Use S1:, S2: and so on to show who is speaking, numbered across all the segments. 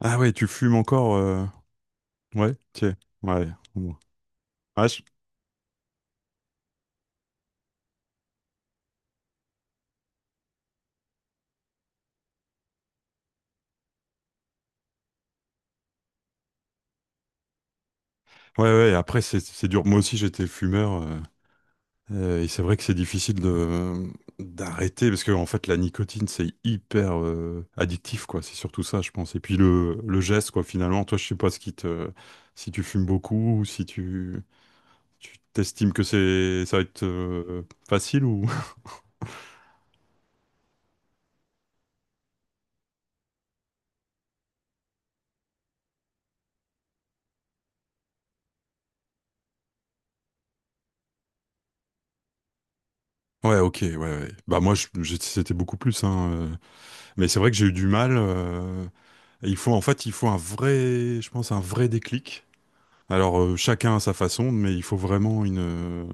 S1: Ah ouais, tu fumes encore? Ouais, tiens. Ouais. Bon. Ouais, ouais, ouais, après, c'est dur. Moi aussi, j'étais fumeur. Et c'est vrai que c'est difficile de d'arrêter parce que en fait la nicotine c'est hyper addictif quoi, c'est surtout ça je pense, et puis le, geste quoi, finalement toi je sais pas ce qui te, si tu fumes beaucoup ou si tu t'estimes que c'est, ça va être facile ou... ouais, ok, ouais, ouais. Bah moi c'était beaucoup plus hein mais c'est vrai que j'ai eu du mal. Il faut, en fait, il faut un vrai, je pense, un vrai déclic. Alors chacun à sa façon, mais il faut vraiment une euh,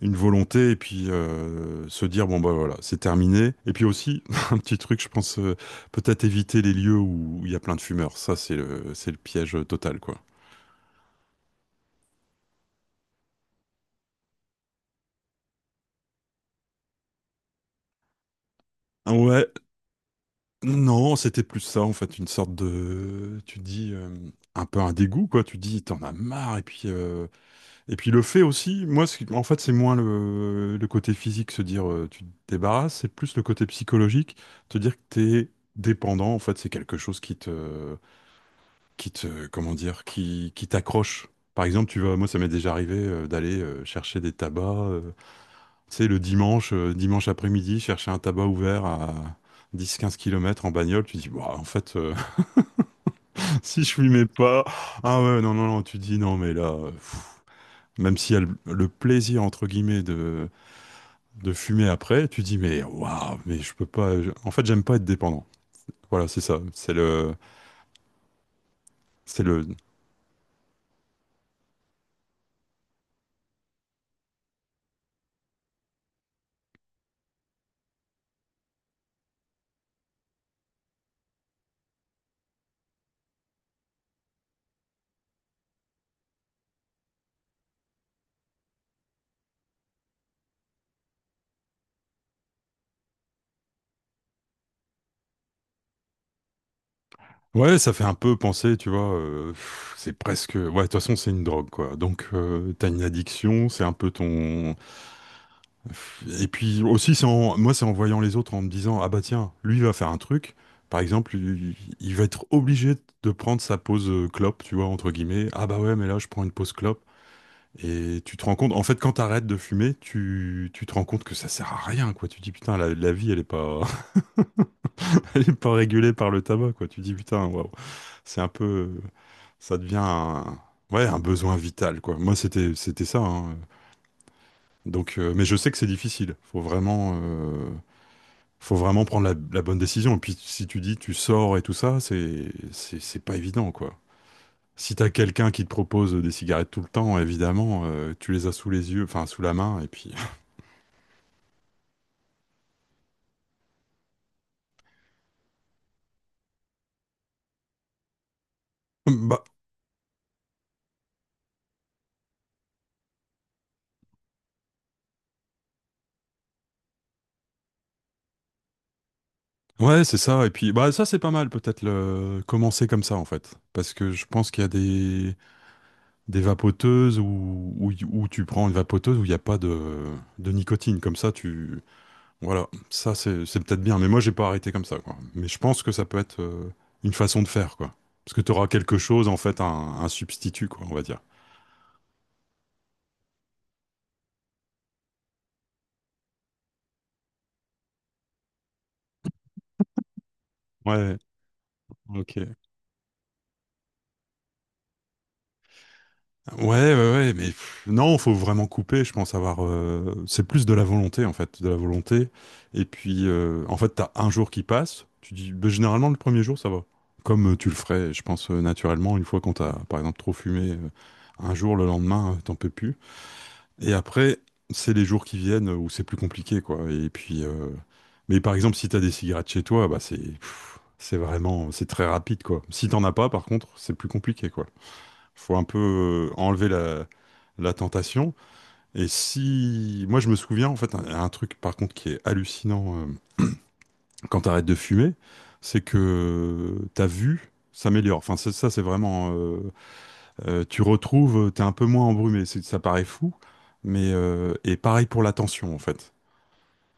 S1: une volonté et puis se dire bon bah voilà, c'est terminé. Et puis aussi un petit truc, je pense peut-être éviter les lieux où il y a plein de fumeurs. Ça c'est le piège total quoi. Ah ouais, non, c'était plus ça en fait, une sorte de, tu dis un peu un dégoût quoi. Tu dis t'en as marre et puis et puis le fait aussi, moi, en fait, c'est moins le, côté physique, se dire tu te débarrasses, c'est plus le côté psychologique, te dire que t'es dépendant, en fait, c'est quelque chose qui te, comment dire, qui t'accroche. Par exemple, tu vas, moi, ça m'est déjà arrivé d'aller chercher des tabacs, tu sais, le dimanche, dimanche après-midi, chercher un tabac ouvert à 10-15 kilomètres en bagnole. Tu dis, ouah, en fait, si je fumais pas, ah ouais, non, non, non, tu dis, non, mais là, pff. Même s'il y a le plaisir, entre guillemets, de fumer après, tu dis mais waouh, mais je peux pas. En fait, j'aime pas être dépendant. Voilà, c'est ça. C'est le, c'est le. Ouais, ça fait un peu penser, tu vois. C'est presque. Ouais, de toute façon, c'est une drogue, quoi. Donc, t'as une addiction, c'est un peu ton. Et puis aussi, moi, c'est en voyant les autres en me disant ah bah tiens, lui il va faire un truc. Par exemple, il va être obligé de prendre sa pause clope, tu vois, entre guillemets. Ah bah ouais, mais là, je prends une pause clope. Et tu te rends compte, en fait, quand t'arrêtes de fumer, tu te rends compte que ça sert à rien, quoi. Tu dis, putain, la vie, elle est pas, elle est pas régulée par le tabac, quoi. Tu dis, putain, waouh, c'est un peu, ça devient un, ouais, un besoin vital, quoi. Moi, c'était ça, hein. Donc, mais je sais que c'est difficile. Faut vraiment prendre la bonne décision. Et puis, si tu dis, tu sors et tout ça, c'est pas évident, quoi. Si t'as quelqu'un qui te propose des cigarettes tout le temps, évidemment, tu les as sous les yeux, enfin, sous la main, et puis. Bah, ouais, c'est ça. Et puis, bah, ça, c'est pas mal, peut-être, commencer comme ça, en fait. Parce que je pense qu'il y a des vapoteuses où... où tu prends une vapoteuse où il n'y a pas de nicotine. Comme ça, tu. Voilà. Ça, c'est peut-être bien. Mais moi, j'ai pas arrêté comme ça, quoi. Mais je pense que ça peut être une façon de faire, quoi. Parce que tu auras quelque chose, en fait, un substitut, quoi, on va dire. Ouais, ok. Ouais, ouais, ouais, mais non, faut vraiment couper, je pense c'est plus de la volonté, en fait, de la volonté. Et puis, en fait, t'as un jour qui passe, tu dis, bah, généralement, le premier jour, ça va. Comme tu le ferais, je pense, naturellement, une fois qu'on t'a, par exemple, trop fumé, un jour, le lendemain, t'en peux plus. Et après, c'est les jours qui viennent où c'est plus compliqué, quoi. Et puis... mais par exemple, si t'as des cigarettes chez toi, bah, c'est... c'est vraiment... C'est très rapide, quoi. Si t'en as pas, par contre, c'est plus compliqué, quoi. Faut un peu enlever la tentation. Et si, moi je me souviens en fait un truc par contre qui est hallucinant quand t'arrêtes de fumer, c'est que ta vue s'améliore. Enfin ça c'est vraiment, tu retrouves, t'es un peu moins embrumé. Ça paraît fou, mais et pareil pour l'attention, en fait,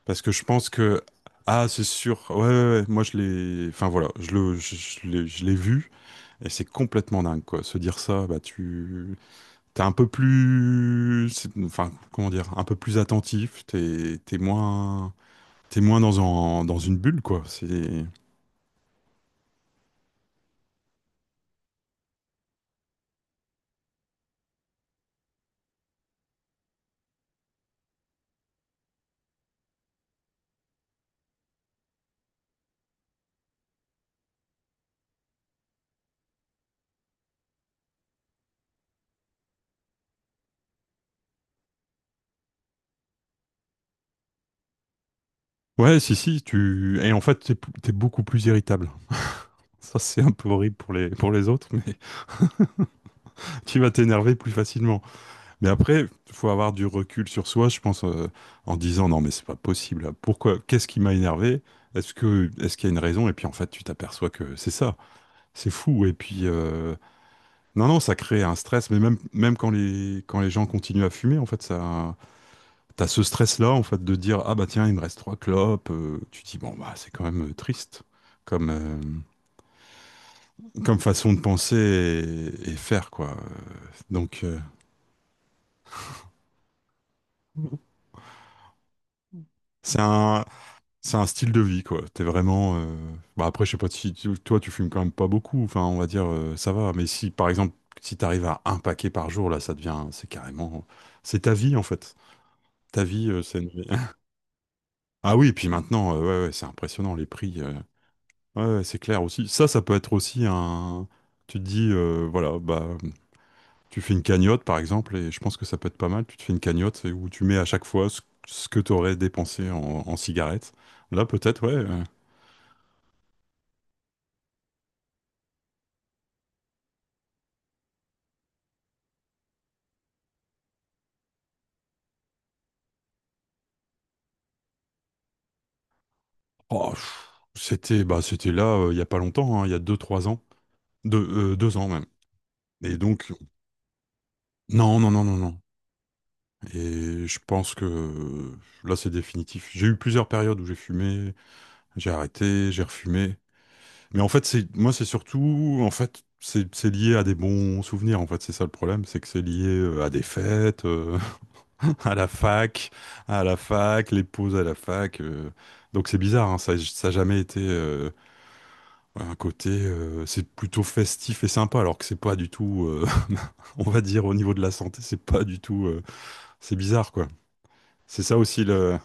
S1: parce que je pense que, ah c'est sûr, ouais, ouais, ouais, moi je l'ai, enfin voilà, je le, je l'ai vu. Et c'est complètement dingue, quoi. Se dire ça, bah t'es un peu plus, enfin, comment dire, un peu plus attentif, t'es moins, dans dans une bulle, quoi. C'est, ouais, si, si, et en fait, t'es beaucoup plus irritable. Ça, c'est un peu horrible pour pour les autres, mais tu vas t'énerver plus facilement. Mais après, faut avoir du recul sur soi, je pense, en disant, non, mais c'est pas possible. Pourquoi, qu'est-ce qui m'a énervé? Est-ce qu'il y a une raison? Et puis, en fait, tu t'aperçois que c'est ça. C'est fou. Et puis, non, non, ça crée un stress, mais même, même quand quand les gens continuent à fumer, en fait, ça, t'as ce stress-là, en fait, de dire, ah bah tiens, il me reste trois clopes, tu te dis, bon, bah, c'est quand même triste comme, comme façon de penser et faire, quoi. Donc, c'est un, c'est un style de vie, quoi. T'es vraiment, bah après, je sais pas si, toi, tu fumes quand même pas beaucoup, enfin, on va dire, ça va, mais si, par exemple, si t'arrives à un paquet par jour, là, ça devient, c'est carrément, c'est ta vie, en fait. Ta vie, c'est une... Ah oui, puis maintenant, ouais, ouais, c'est impressionnant les prix. Ouais, ouais, c'est clair aussi. Ça peut être aussi un. Tu te dis, voilà, bah, tu fais une cagnotte par exemple, et je pense que ça peut être pas mal. Tu te fais une cagnotte, c'est où tu mets à chaque fois ce que tu aurais dépensé en, cigarettes. Là, peut-être, ouais. Oh, c'était, bah, c'était là il y a pas longtemps, hein, il y a deux trois ans. Deux ans même. Et donc, non, non, non, non, non. Et je pense que là, c'est définitif. J'ai eu plusieurs périodes où j'ai fumé, j'ai arrêté, j'ai refumé. Mais en fait, c'est moi, c'est surtout, en fait, c'est lié à des bons souvenirs. En fait, c'est ça le problème, c'est que c'est lié à des fêtes, à la fac, les pauses à la fac. Donc c'est bizarre, hein, ça a jamais été un côté. C'est plutôt festif et sympa, alors que c'est pas du tout. On va dire au niveau de la santé, c'est pas du tout. C'est bizarre, quoi. C'est ça aussi le.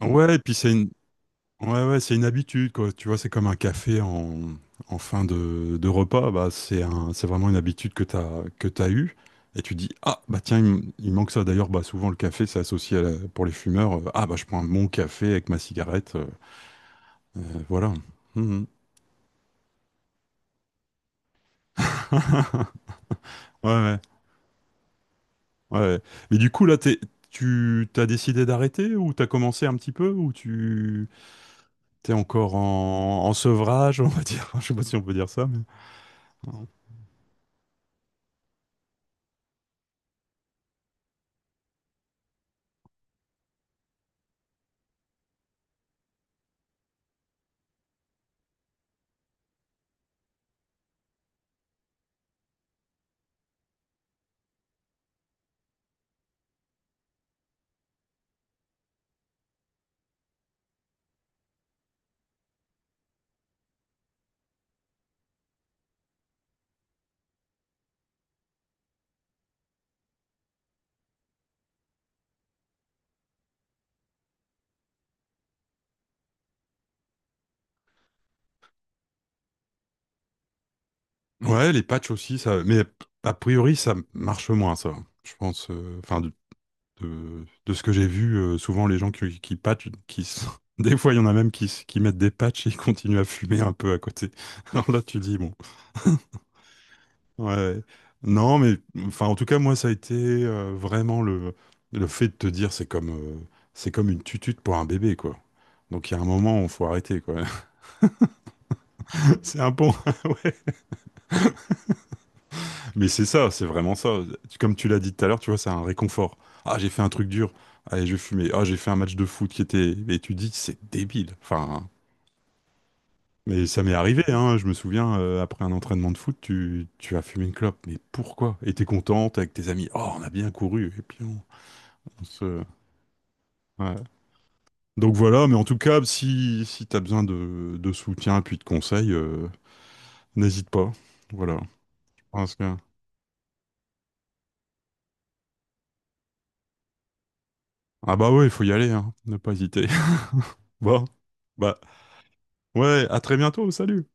S1: Ouais, et puis c'est une... Ouais, ouais, c'est une habitude, quoi. Tu vois, c'est comme un café en, fin de, repas. Bah, c'est vraiment une habitude que tu as, que tu eue. Et tu dis, ah, bah tiens, il manque ça. D'ailleurs, bah, souvent, le café, c'est associé à la... pour les fumeurs. Ah, bah, je prends mon café avec ma cigarette. Euh, voilà. Mhm. Ouais, ouais, ouais. Ouais. Mais du coup, là, tu t'as décidé d'arrêter ou t'as commencé un petit peu ou tu t'es encore en, sevrage, on va dire. Je sais pas si on peut dire ça, mais. Ouais, les patchs aussi, ça. Mais a priori, ça marche moins, ça. Je pense. Enfin, de ce que j'ai vu, souvent les gens qui patchent, qui des fois, il y en a même qui, qui mettent des patchs et ils continuent à fumer un peu à côté. Alors là, tu dis, bon. Ouais. Ouais. Non, mais enfin, en tout cas, moi, ça a été vraiment le, fait de te dire, c'est comme une tutute pour un bébé, quoi. Donc, il y a un moment où il faut arrêter, quoi. C'est un bon. Mais c'est ça, c'est vraiment ça. Comme tu l'as dit tout à l'heure, tu vois, c'est un réconfort. Ah, j'ai fait un truc dur. Allez, je vais fumer. Ah, j'ai fait un match de foot qui était. Et tu dis, c'est débile. Enfin, mais ça m'est arrivé, hein. Je me souviens, après un entraînement de foot, tu as fumé une clope. Mais pourquoi? Et t'es contente avec tes amis. Oh, on a bien couru. Et puis, on se. Ouais. Donc voilà, mais en tout cas, si, t'as besoin de, soutien et puis de conseils, n'hésite pas. Voilà. Parce que... Ah bah ouais, il faut y aller, hein. Ne pas hésiter. Bon. Bah. Ouais, à très bientôt, salut!